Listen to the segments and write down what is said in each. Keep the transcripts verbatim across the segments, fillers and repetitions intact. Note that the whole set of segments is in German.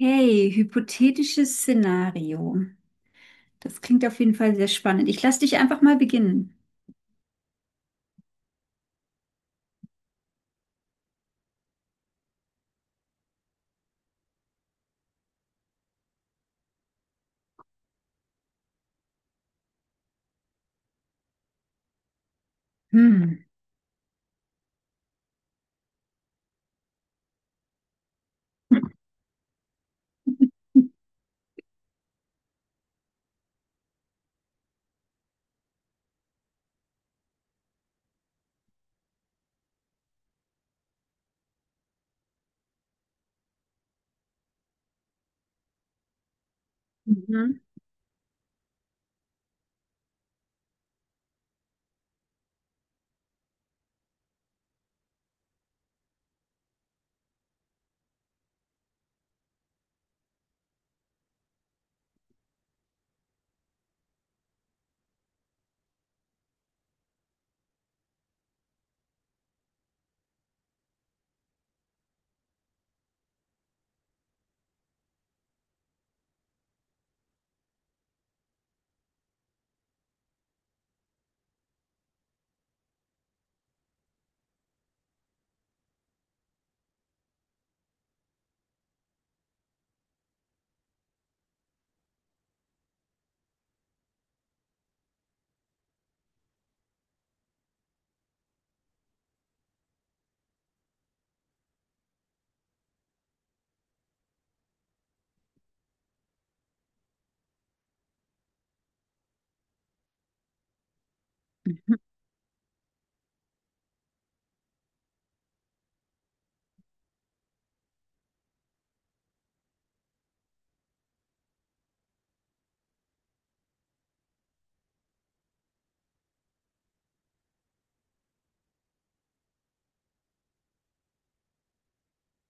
Okay, hypothetisches Szenario. Das klingt auf jeden Fall sehr spannend. Ich lasse dich einfach mal beginnen. Hm. Mhm.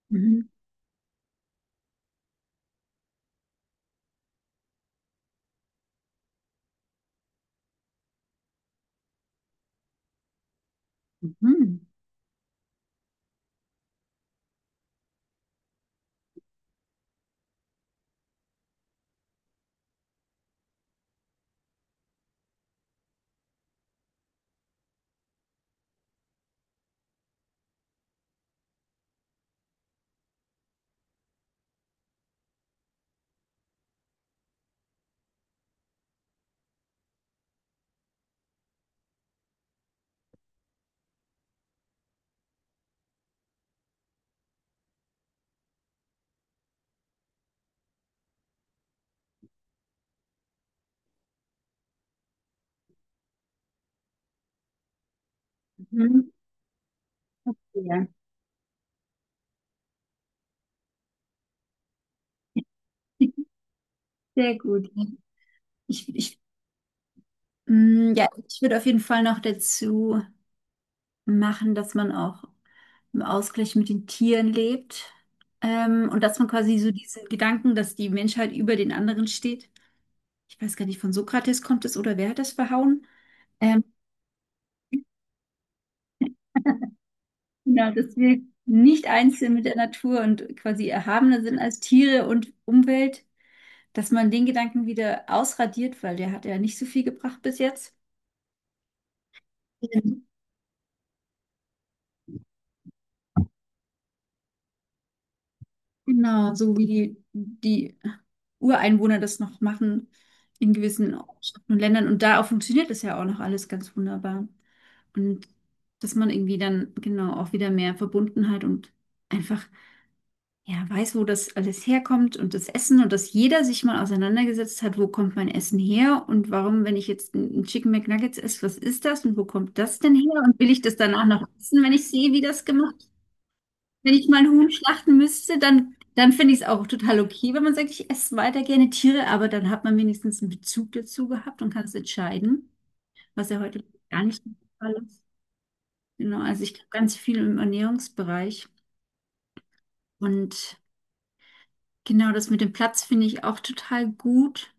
Mhm. Mhm. Mhm. Ja, sehr gut. Ich, ich, mm, ja, ich würde auf jeden Fall noch dazu machen, dass man auch im Ausgleich mit den Tieren lebt. Ähm, und dass man quasi so diesen Gedanken, dass die Menschheit über den anderen steht. Ich weiß gar nicht, von Sokrates kommt es oder wer hat das verhauen? Ähm, Genau, dass wir nicht eins sind mit der Natur und quasi erhabener sind als Tiere und Umwelt, dass man den Gedanken wieder ausradiert, weil der hat ja nicht so viel gebracht bis jetzt. Genau, so wie die, die Ureinwohner das noch machen in gewissen Ortschaften und Ländern. Und da auch funktioniert das ja auch noch alles ganz wunderbar. Und dass man irgendwie dann genau auch wieder mehr Verbundenheit und einfach ja, weiß, wo das alles herkommt und das Essen und dass jeder sich mal auseinandergesetzt hat, wo kommt mein Essen her und warum, wenn ich jetzt ein ein Chicken McNuggets esse, was ist das und wo kommt das denn her und will ich das danach noch essen, wenn ich sehe, wie das gemacht wird? Wenn ich mal ein Huhn schlachten müsste, dann, dann finde ich es auch total okay, wenn man sagt, ich esse weiter gerne Tiere, aber dann hat man wenigstens einen Bezug dazu gehabt und kann es entscheiden, was ja heute gar nicht der Fall ist. Genau, also ich glaube ganz viel im Ernährungsbereich und Genau, das mit dem Platz finde ich auch total gut,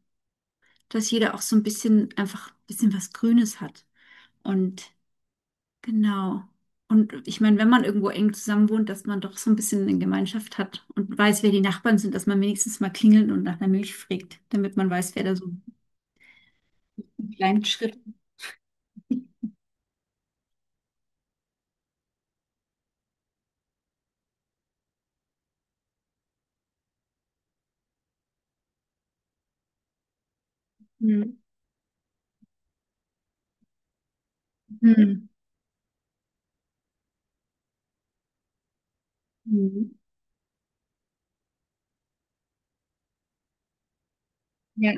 dass jeder auch so ein bisschen einfach ein bisschen was Grünes hat. Und genau. Und ich meine, wenn man irgendwo eng zusammen wohnt, dass man doch so ein bisschen eine Gemeinschaft hat und weiß, wer die Nachbarn sind, dass man wenigstens mal klingelt und nach einer Milch fragt, damit man weiß, wer da so einen kleinen Schritt. Mhm. Mhm. Mhm. Ja.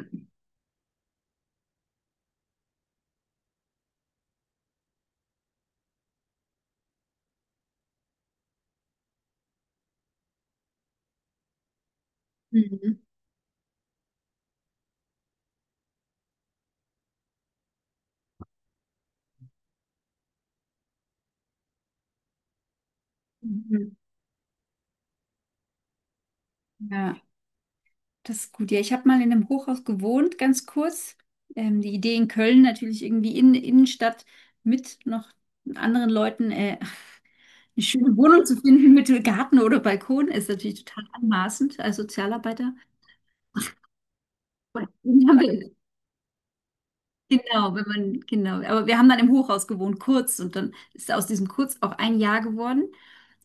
Mhm. Mhm. Ja. Das ist gut. Ja, ich habe mal in einem Hochhaus gewohnt, ganz kurz. Ähm, die Idee in Köln natürlich irgendwie in der Innenstadt mit noch anderen Leuten äh, eine schöne Wohnung zu finden mit Garten oder Balkon ist natürlich total anmaßend als Sozialarbeiter. Und den haben wir Genau, wenn man, genau. Aber wir haben dann im Hochhaus gewohnt, kurz. Und dann ist aus diesem Kurz auch ein Jahr geworden,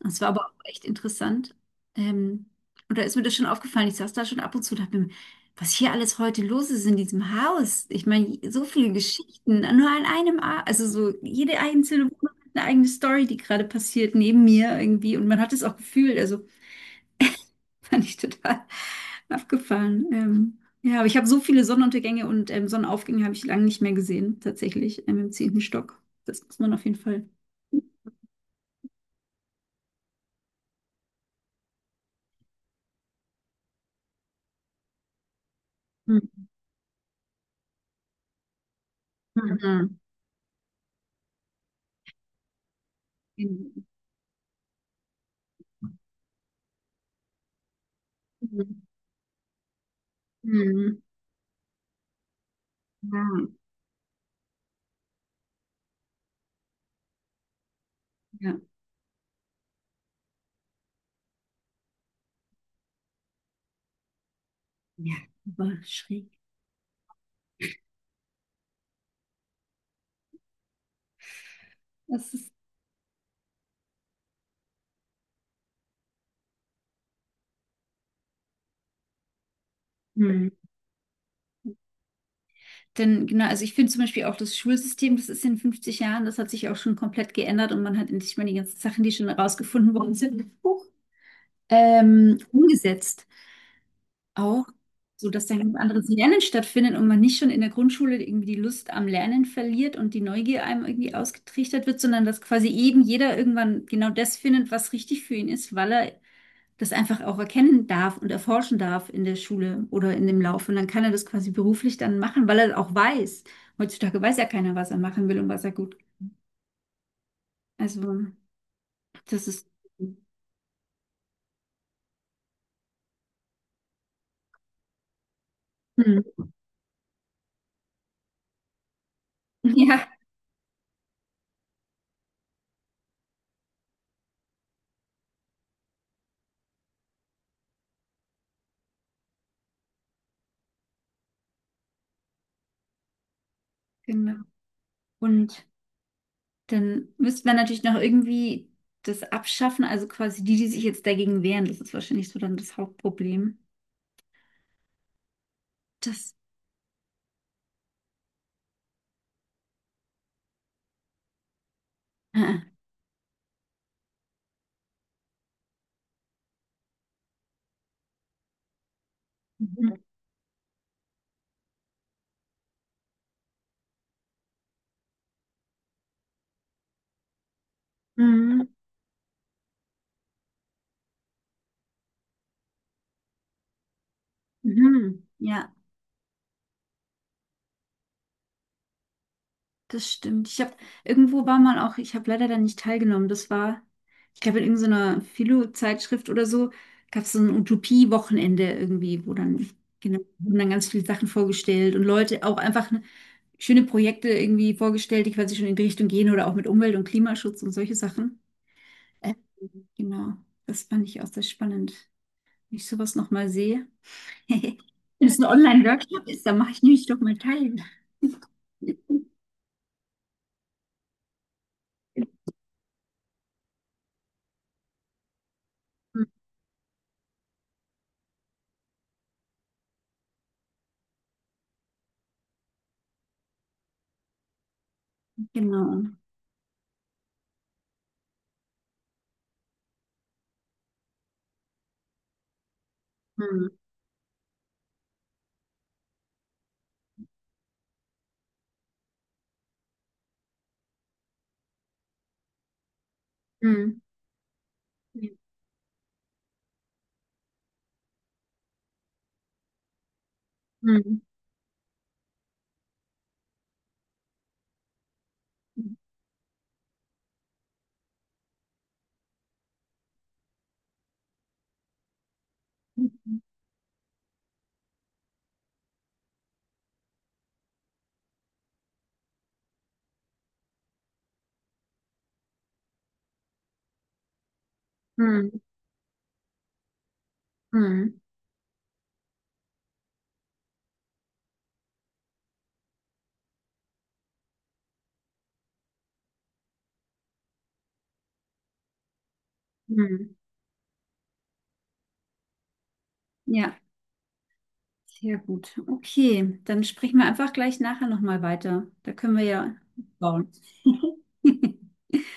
und es war aber auch echt interessant. Ähm, und da ist mir das schon aufgefallen. Ich saß da schon ab und zu und dachte mir, was hier alles heute los ist in diesem Haus. Ich meine, so viele Geschichten, nur an einem, A also so jede einzelne Wohnung hat eine eigene Story, die gerade passiert neben mir irgendwie. Und man hat es auch gefühlt. Also fand ich total abgefahren. Ähm, ja, aber ich habe so viele Sonnenuntergänge und ähm, Sonnenaufgänge habe ich lange nicht mehr gesehen, tatsächlich, ähm, im zehnten Stock. Das muss man auf jeden Fall. Mhm. Mhm. Mhm. Ja, ja, Ja, aber schräg. Das ist. Mhm. Denn genau, also ich finde zum Beispiel auch das Schulsystem, das ist in fünfzig Jahren, das hat sich auch schon komplett geändert und man hat endlich mal die ganzen Sachen, die schon herausgefunden worden sind, hoch, ähm, umgesetzt. Auch, so dass dann ein anderes Lernen stattfindet und man nicht schon in der Grundschule irgendwie die Lust am Lernen verliert und die Neugier einem irgendwie ausgetrichtert wird, sondern dass quasi eben jeder irgendwann genau das findet, was richtig für ihn ist, weil er das einfach auch erkennen darf und erforschen darf in der Schule oder in dem Lauf. Und dann kann er das quasi beruflich dann machen, weil er auch weiß. Heutzutage weiß ja keiner, was er machen will und was er gut. Also, das ist. Hm. Ja, genau. Und Dann müsste man natürlich noch irgendwie das abschaffen, also quasi die, die sich jetzt dagegen wehren, das ist wahrscheinlich so dann das Hauptproblem. Das. Äh, Mhm. Mhm. Mhm. Ja, das stimmt. Ich habe irgendwo war mal auch, ich habe leider da nicht teilgenommen. Das war, ich glaube, in irgendeiner Philo-Zeitschrift oder so gab es so ein Utopie-Wochenende irgendwie, wo dann genau wurden dann ganz viele Sachen vorgestellt und Leute auch einfach ne, schöne Projekte irgendwie vorgestellt, die quasi schon in die Richtung gehen oder auch mit Umwelt und Klimaschutz und solche Sachen. Ähm, genau, das fand ich auch sehr spannend. Wenn ich sowas nochmal sehe, wenn es ein Online-Workshop ist, dann mache ich nämlich doch mal teil. Genau. Hm. Hm. Hm. Hm. Hm. Hm. Ja, sehr gut. Okay, dann sprechen wir einfach gleich nachher nochmal weiter. Da können wir ja bauen.